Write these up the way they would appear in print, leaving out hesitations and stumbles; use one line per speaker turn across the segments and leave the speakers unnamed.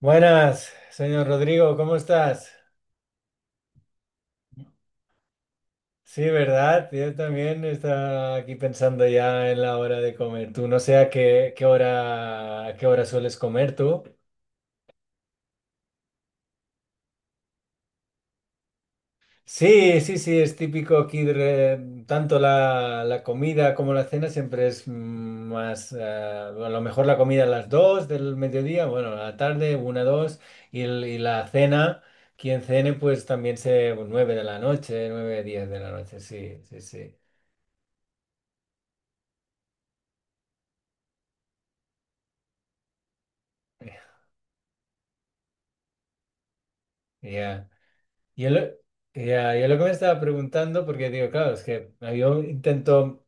Buenas, señor Rodrigo, ¿cómo estás? Sí, ¿verdad? Yo también estaba aquí pensando ya en la hora de comer. Tú no sé a qué, a qué hora sueles comer tú. Sí, sí, sí, es típico aquí, tanto la comida como la cena siempre es más, a lo mejor la comida a las 2 del mediodía, bueno, a la tarde, una 2 y, y la cena, quien cene, pues también se pues, 9 de la noche, 9 10 de la noche, sí, sí, sí. Ya. Yo lo, ya, yo lo que me estaba preguntando, porque digo, claro, es que yo intento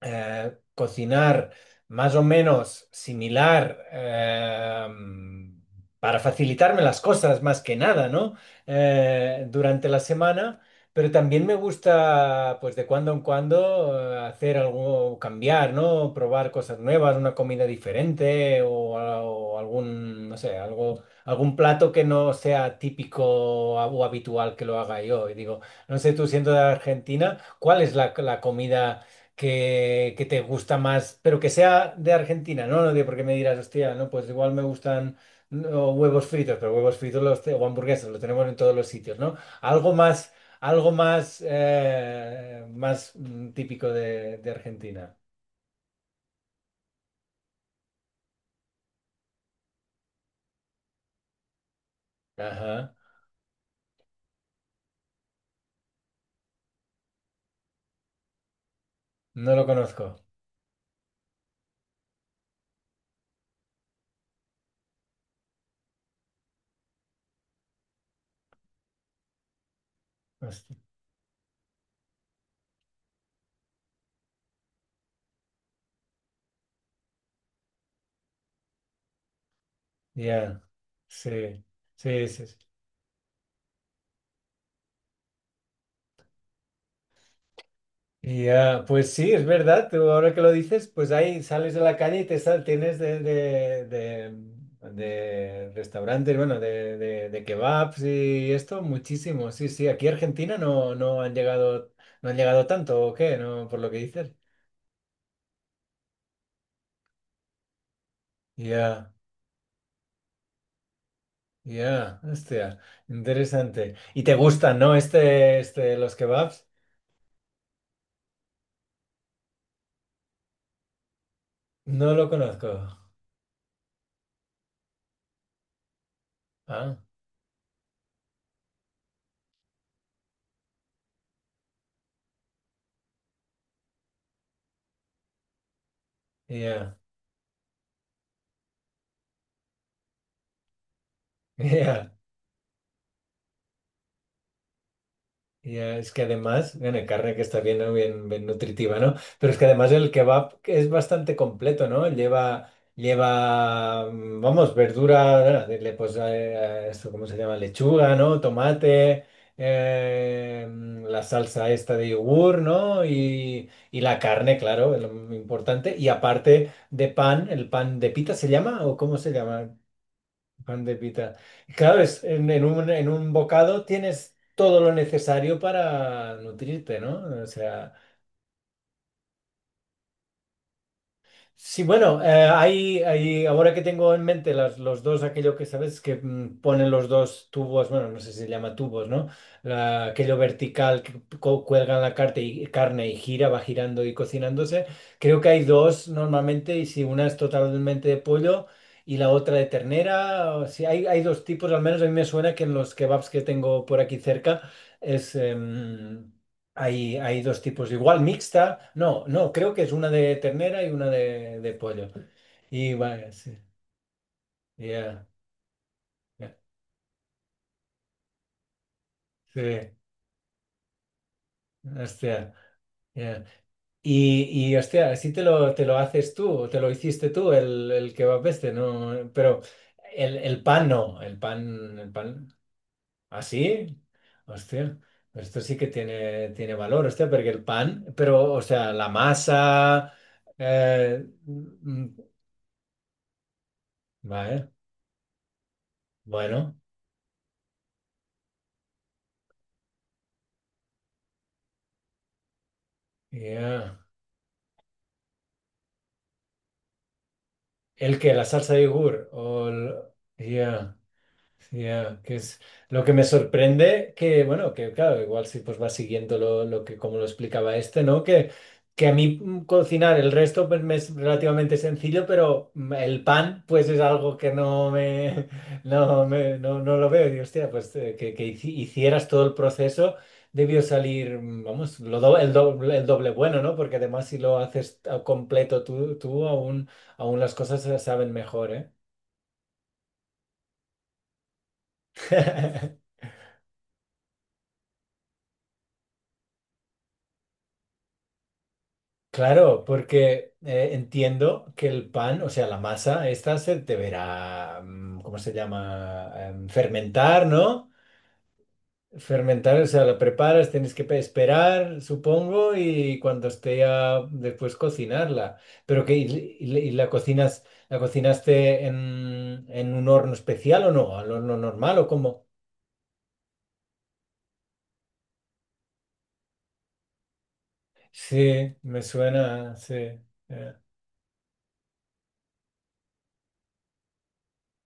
cocinar más o menos similar, para facilitarme las cosas más que nada, ¿no? Durante la semana, pero también me gusta, pues de cuando en cuando, hacer algo, cambiar, ¿no? Probar cosas nuevas, una comida diferente o, o algún, no sé, algo, algún plato que no sea típico o habitual que lo haga yo. Y digo, no sé, tú siendo de Argentina, ¿cuál es la comida que te gusta más, pero que sea de Argentina, ¿no? No digo porque me dirás, hostia, no, pues igual me gustan no, huevos fritos, pero huevos fritos los, o hamburguesas, lo tenemos en todos los sitios, ¿no? Algo más, algo más, más típico de Argentina. Ajá. No lo conozco. Hostia. Ya. Sí. Sí, sí, sí. Y ah, pues sí, es verdad, tú ahora que lo dices, pues ahí sales de la calle y te sal, tienes de, de restaurantes, bueno, de kebabs y esto, muchísimo, sí, sí, aquí Argentina no, no han llegado, no han llegado tanto, ¿o qué? No, por lo que dices. Ya, ya, hostia, interesante. ¿Y te gustan, no? Este, los kebabs, no lo conozco. Ah, ya. Ya. Ya, es que además, bueno, carne que está bien, ¿no? Bien, bien nutritiva, ¿no? Pero es que además el kebab es bastante completo, ¿no? Lleva, lleva, vamos, verdura, pues, esto, ¿cómo se llama? Lechuga, ¿no? Tomate, la salsa esta de yogur, ¿no? Y la carne, claro, es lo muy importante. Y aparte de pan, ¿el pan de pita se llama o cómo se llama? Pan de pita. Claro, es, en un bocado tienes todo lo necesario para nutrirte, ¿no? O sea. Sí, bueno, hay, ahora que tengo en mente las, los dos, aquello que sabes que ponen los dos tubos, bueno, no sé si se llama tubos, ¿no? Aquello vertical que cuelgan la carne y, carne y gira, va girando y cocinándose. Creo que hay dos normalmente y si una es totalmente de pollo y la otra de ternera, o si hay, hay dos tipos, al menos a mí me suena que en los kebabs que tengo por aquí cerca es, hay, hay dos tipos, igual mixta, no, no, creo que es una de ternera y una de pollo. Y vaya, sí, ya, ya, sí, hostia, ya. Y hostia, así te lo haces tú, o te lo hiciste tú, el kebab este, ¿no? Pero el pan no, el pan, así, hostia, pero esto sí que tiene, tiene valor, hostia, porque el pan, pero, o sea, la masa, eh, mm, vale, bueno. Yeah. ¿El que ¿La salsa de yogur? O el- yeah. Ya, que es lo que me sorprende que, bueno, que claro, igual si pues vas siguiendo lo que como lo explicaba este, ¿no? Que a mí cocinar el resto pues me es relativamente sencillo, pero el pan pues es algo que no me, no me, no, no lo veo. Y hostia, pues que hicieras todo el proceso debió salir, vamos, el doble bueno, ¿no? Porque además si lo haces a completo tú, tú aún, aún las cosas se saben mejor, ¿eh? Claro, porque entiendo que el pan, o sea, la masa, esta se deberá, ¿cómo se llama? Fermentar, ¿no? Fermentar, o sea, la preparas, tienes que esperar, supongo, y cuando esté ya después cocinarla. Pero que, y, y la cocinas, ¿la cocinaste en un horno especial o no? ¿Al horno normal o cómo? Sí, me suena, sí. Eh.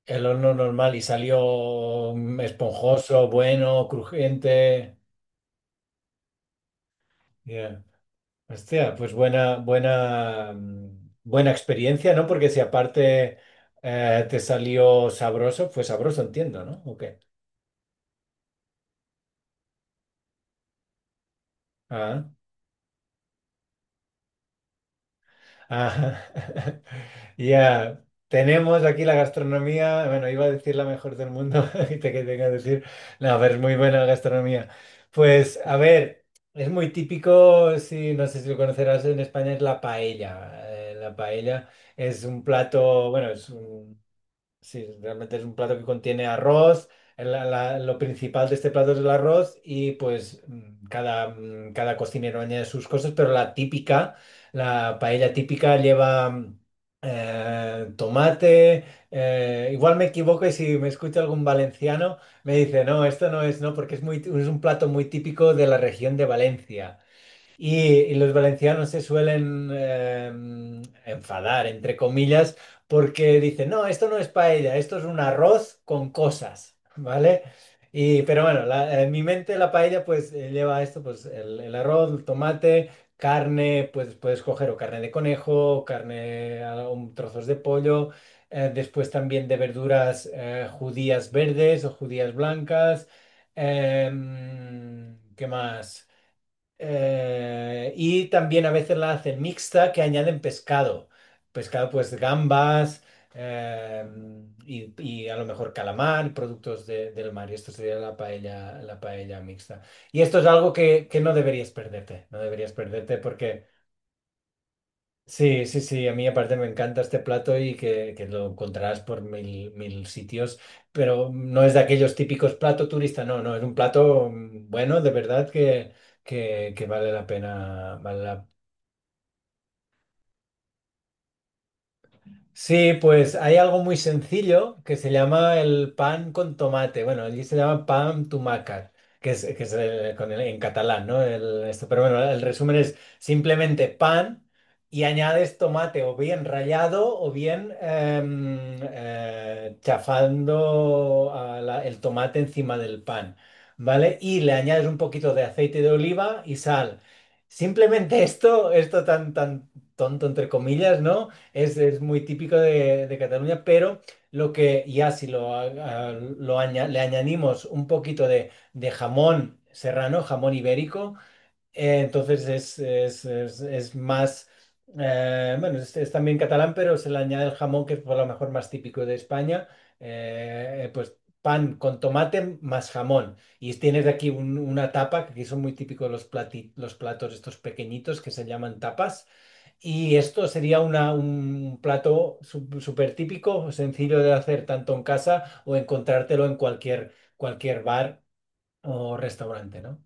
El horno normal y salió esponjoso, bueno, crujiente. Yeah. Hostia, pues buena, buena, buena experiencia, ¿no? Porque si aparte te salió sabroso, fue sabroso, entiendo, ¿no? Ok. Ajá. Ya. Tenemos aquí la gastronomía, bueno, iba a decir la mejor del mundo y te quería decir, no, pero es muy buena la gastronomía. Pues, a ver, es muy típico, si no sé si lo conocerás en España, es la paella. La paella es un plato, bueno, es un Sí, realmente es un plato que contiene arroz. Lo principal de este plato es el arroz y pues cada, cada cocinero añade sus cosas, pero la típica, la paella típica lleva tomate. Igual me equivoco y si me escucha algún valenciano me dice, no, esto no es, no, porque es muy, es un plato muy típico de la región de Valencia. Y los valencianos se suelen enfadar, entre comillas, porque dicen, no, esto no es paella, esto es un arroz con cosas, ¿vale? Y, pero bueno, en mi mente la paella pues lleva esto, pues el arroz, el tomate, carne, pues puedes coger o carne de conejo, o carne, un trozos de pollo, después también de verduras judías verdes o judías blancas, ¿qué más? Y también a veces la hacen mixta que añaden pescado. Pescado, pues gambas eh, y a lo mejor calamar, productos del mar. Y esto sería la paella mixta. Y esto es algo que no deberías perderte. No deberías perderte Sí, sí, sí, a mí aparte me encanta este plato y que lo encontrarás por mil, mil sitios, pero no es de aquellos típicos plato turista, no, no, es un plato bueno, de verdad que vale la pena, vale la Sí, pues hay algo muy sencillo que se llama el pan con tomate. Bueno, allí se llama pan tumaca, que es con en catalán, ¿no? Esto, pero bueno, el resumen es simplemente pan y añades tomate o bien rallado o bien chafando a el tomate encima del pan, ¿vale? Y le añades un poquito de aceite de oliva y sal. Simplemente esto tan, tan tonto entre comillas, ¿no? Es muy típico de Cataluña, pero lo que ya si lo, lo le añadimos un poquito de jamón serrano, jamón ibérico, entonces es, es más, bueno, es también catalán, pero se le añade el jamón que es por lo mejor más típico de España, pues pan con tomate más jamón. Y tienes aquí una tapa, que aquí son muy típicos los los platos estos pequeñitos que se llaman tapas y esto sería un plato súper típico, sencillo de hacer tanto en casa o encontrártelo en cualquier, cualquier bar o restaurante, ¿no?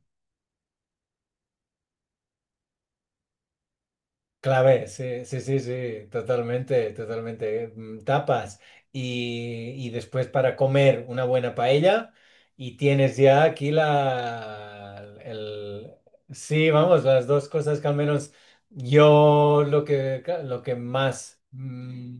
Clave, sí, sí, sí, sí, totalmente, totalmente. Tapas y después para comer una buena paella y tienes ya aquí la... El, sí, vamos, las dos cosas que al menos yo lo que más...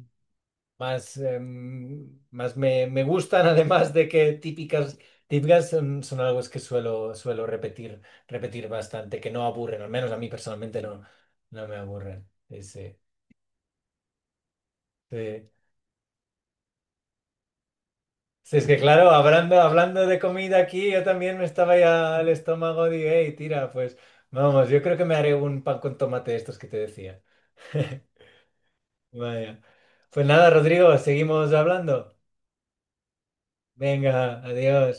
más, más me, me gustan, además de que típicas, típicas son, son algo es que suelo, suelo repetir, repetir bastante, que no aburren, al menos a mí personalmente no, no me aburren. Sí, sí, sí. Sí, es que claro, hablando, hablando de comida aquí, yo también me estaba ya al estómago de, hey, tira, pues vamos, yo creo que me haré un pan con tomate de estos que te decía. Vaya. Pues nada, Rodrigo, seguimos hablando. Venga, adiós.